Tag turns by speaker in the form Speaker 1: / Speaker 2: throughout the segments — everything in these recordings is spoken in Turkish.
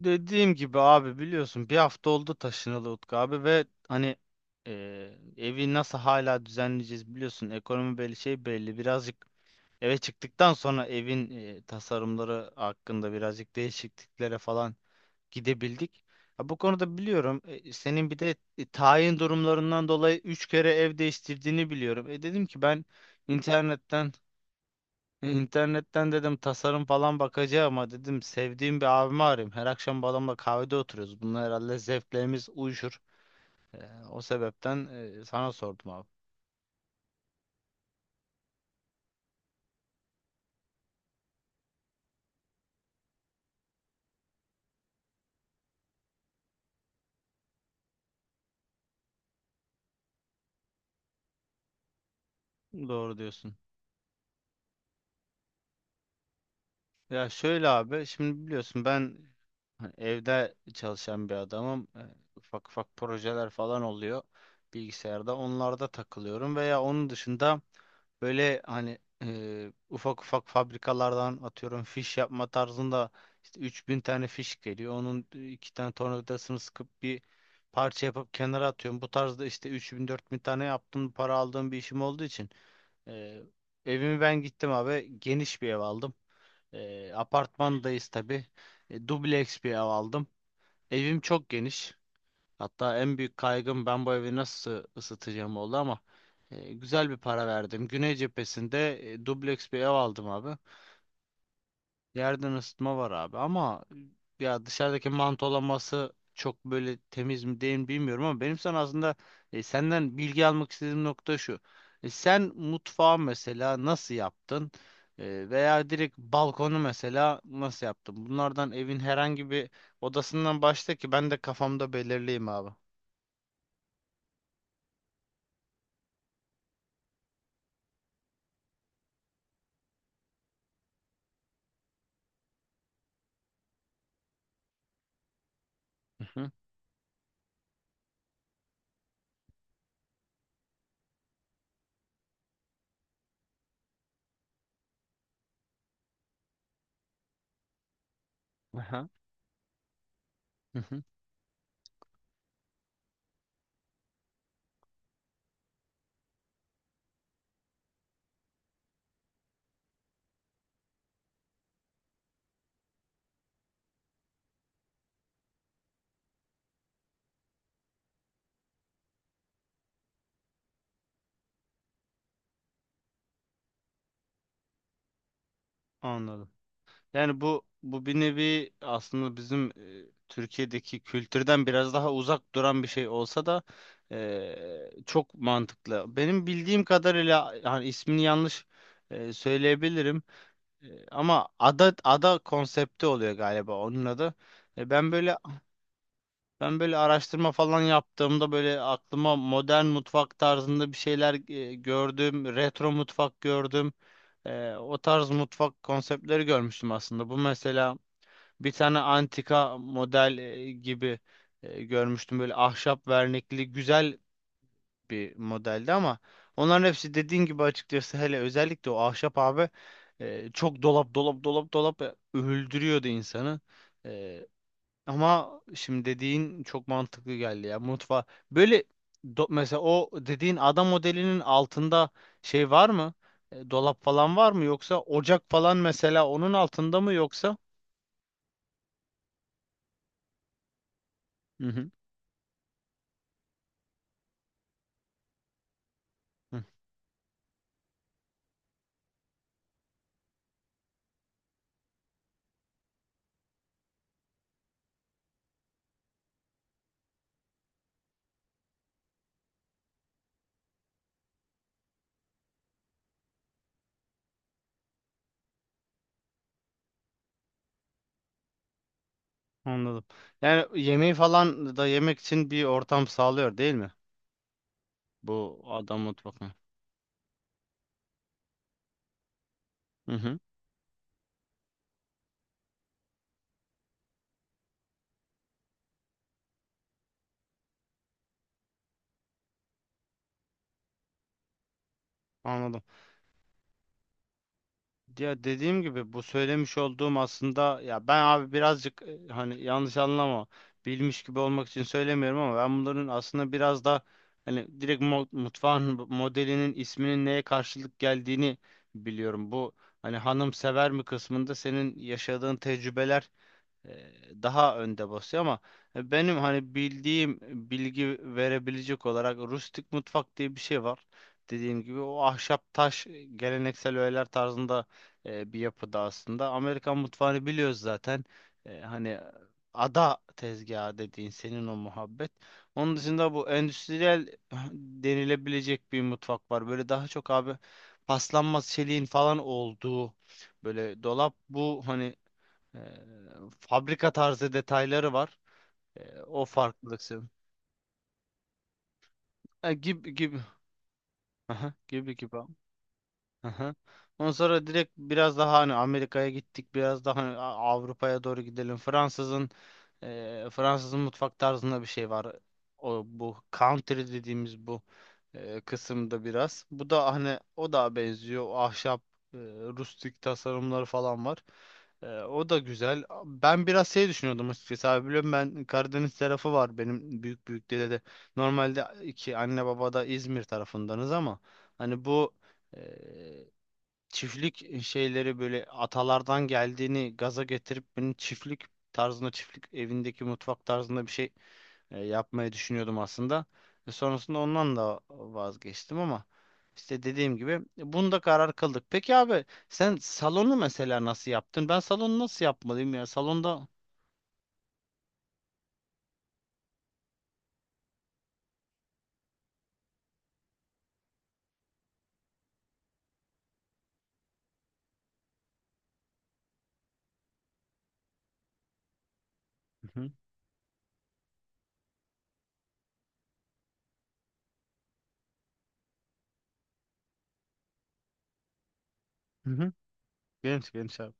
Speaker 1: Dediğim gibi abi, biliyorsun bir hafta oldu taşınalı Utku abi ve hani evi nasıl hala düzenleyeceğiz biliyorsun, ekonomi belli şey belli, birazcık eve çıktıktan sonra evin tasarımları hakkında birazcık değişikliklere falan gidebildik. Ha, bu konuda biliyorum, senin bir de tayin durumlarından dolayı 3 kere ev değiştirdiğini biliyorum. Dedim ki ben internetten İnternetten dedim tasarım falan bakacağım ama dedim sevdiğim bir abimi arayayım. Her akşam bu adamla kahvede oturuyoruz. Bunlar herhalde zevklerimiz uyuşur. Ee, O sebepten sana sordum abi. Doğru diyorsun. Ya şöyle abi, şimdi biliyorsun ben hani evde çalışan bir adamım. Ufak ufak projeler falan oluyor bilgisayarda. Onlarda takılıyorum veya onun dışında böyle hani ufak ufak fabrikalardan atıyorum fiş yapma tarzında işte 3000 tane fiş geliyor. Onun iki tane tornavidasını sıkıp bir parça yapıp kenara atıyorum. Bu tarzda işte 3000 bin tane yaptım, para aldığım bir işim olduğu için. E, Evimi ben gittim abi, geniş bir ev aldım. Apartmandayız tabii. Dubleks bir ev aldım. Evim çok geniş. Hatta en büyük kaygım ben bu evi nasıl ısıtacağım oldu ama güzel bir para verdim. Güney cephesinde dubleks bir ev aldım abi. Yerden ısıtma var abi ama ya dışarıdaki mantolaması çok böyle temiz mi değil mi bilmiyorum ama benim sana aslında senden bilgi almak istediğim nokta şu. Sen mutfağı mesela nasıl yaptın? Veya direkt balkonu mesela nasıl yaptın? Bunlardan evin herhangi bir odasından başla ki ben de kafamda belirleyeyim abi. Aha. Hı hı. Anladım. Yani bu bir nevi aslında bizim Türkiye'deki kültürden biraz daha uzak duran bir şey olsa da çok mantıklı. Benim bildiğim kadarıyla yani ismini yanlış söyleyebilirim. Ama ada konsepti oluyor galiba onun adı. E, ben böyle Ben böyle araştırma falan yaptığımda böyle aklıma modern mutfak tarzında bir şeyler gördüm, retro mutfak gördüm. O tarz mutfak konseptleri görmüştüm aslında. Bu mesela bir tane antika model gibi görmüştüm. Böyle ahşap vernikli güzel bir modeldi ama onların hepsi dediğin gibi açıkçası hele özellikle o ahşap abi çok dolap dolap dolap dolap öldürüyordu insanı. E, Ama şimdi dediğin çok mantıklı geldi ya. Böyle mesela o dediğin ada modelinin altında şey var mı? Dolap falan var mı, yoksa ocak falan mesela onun altında mı yoksa? Hı hı. Hı, anladım. Yani yemeği falan da yemek için bir ortam sağlıyor değil mi? Bu ada mutfak. Hı hı. Anladım. Ya dediğim gibi bu söylemiş olduğum aslında, ya ben abi birazcık hani yanlış anlama, bilmiş gibi olmak için söylemiyorum ama ben bunların aslında biraz da hani direkt mutfağın bu modelinin isminin neye karşılık geldiğini biliyorum. Bu hani hanım sever mi kısmında senin yaşadığın tecrübeler daha önde basıyor ama benim hani bildiğim bilgi verebilecek olarak rustik mutfak diye bir şey var. Dediğim gibi o ahşap taş geleneksel öğeler tarzında bir yapıda aslında. Amerikan mutfağını biliyoruz zaten. Hani ada tezgahı dediğin senin o muhabbet. Onun dışında bu endüstriyel denilebilecek bir mutfak var. Böyle daha çok abi paslanmaz çeliğin falan olduğu böyle dolap bu hani ee, fabrika tarzı detayları var. O farklılık senin. Ha, gibi gibi. Aha, gibi gibi. Aha. Ondan sonra direkt biraz daha hani Amerika'ya gittik, biraz daha hani Avrupa'ya doğru gidelim. Fransızın mutfak tarzında bir şey var. O bu country dediğimiz bu kısımda biraz. Bu da hani o da benziyor. O ahşap, eee, rustik tasarımları falan var. O da güzel. Ben biraz şey düşünüyordum açıkçası abi. Biliyorum ben Karadeniz tarafı var benim büyük büyük dede de. Normalde iki anne baba da İzmir tarafındanız ama hani bu e, çiftlik şeyleri böyle atalardan geldiğini gaza getirip benim çiftlik tarzında çiftlik evindeki mutfak tarzında bir şey yapmayı düşünüyordum aslında. Sonrasında ondan da vazgeçtim ama işte dediğim gibi bunda karar kıldık. Peki abi, sen salonu mesela nasıl yaptın? Ben salonu nasıl yapmalıyım ya? Salonda. Hı hı. Hı hı. Geniş geniş abi.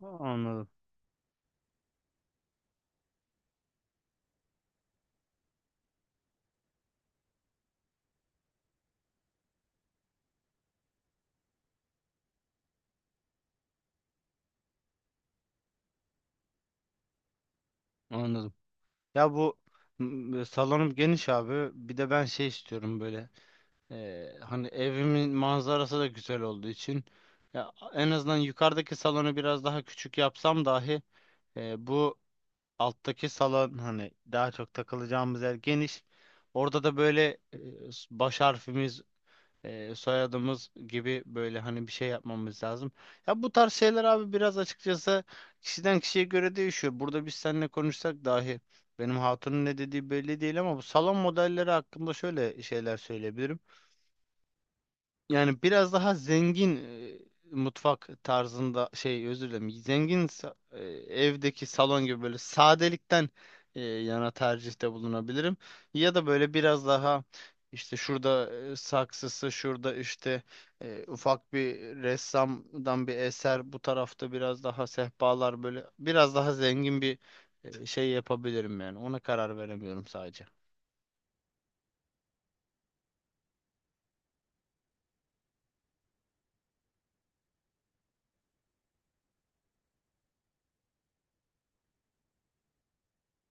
Speaker 1: Anladım. Anladım. Ya bu salonum geniş abi. Bir de ben şey istiyorum böyle. Hani evimin manzarası da güzel olduğu için ya en azından yukarıdaki salonu biraz daha küçük yapsam dahi bu alttaki salon hani daha çok takılacağımız yer geniş. Orada da böyle e, baş harfimiz, soyadımız gibi böyle hani bir şey yapmamız lazım. Ya bu tarz şeyler abi biraz açıkçası kişiden kişiye göre değişiyor. Burada biz seninle konuşsak dahi benim hatunun ne dediği belli değil ama bu salon modelleri hakkında şöyle şeyler söyleyebilirim. Yani biraz daha zengin mutfak tarzında şey, özür dilerim, zengin evdeki salon gibi böyle sadelikten yana tercihte bulunabilirim. Ya da böyle biraz daha işte şurada saksısı şurada işte ufak bir ressamdan bir eser bu tarafta biraz daha sehpalar böyle biraz daha zengin bir şey yapabilirim, yani ona karar veremiyorum sadece.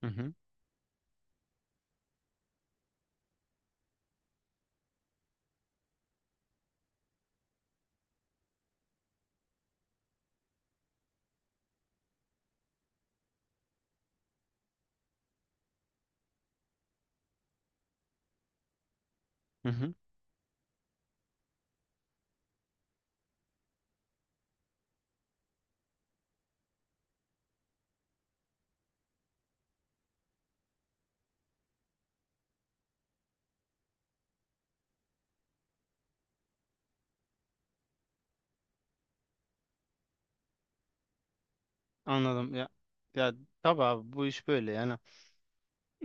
Speaker 1: Hı hı. Hı hı. Anladım ya. Ya tabii abi bu iş böyle yani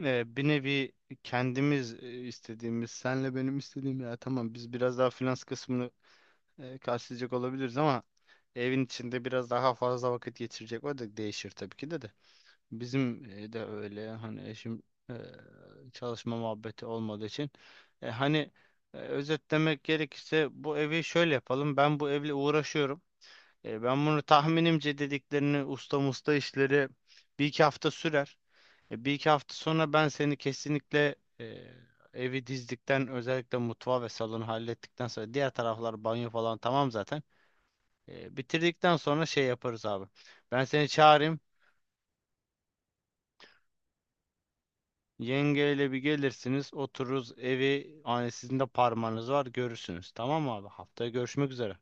Speaker 1: bir nevi kendimiz istediğimiz, senle benim istediğim ya tamam, biz biraz daha finans kısmını karşılayacak olabiliriz ama evin içinde biraz daha fazla vakit geçirecek o da değişir tabii ki de. Bizim de öyle hani eşim e, çalışma muhabbeti olmadığı için hani özetlemek gerekirse bu evi şöyle yapalım. Ben bu evle uğraşıyorum. Ben bunu tahminimce dediklerini usta musta işleri bir iki hafta sürer. Bir iki hafta sonra ben seni kesinlikle evi dizdikten özellikle mutfağı ve salonu hallettikten sonra diğer taraflar banyo falan tamam zaten. Bitirdikten sonra şey yaparız abi. Ben seni çağırayım. Yengeyle bir gelirsiniz, otururuz evi. Hani sizin de parmağınız var, görürsünüz. Tamam mı abi? Haftaya görüşmek üzere.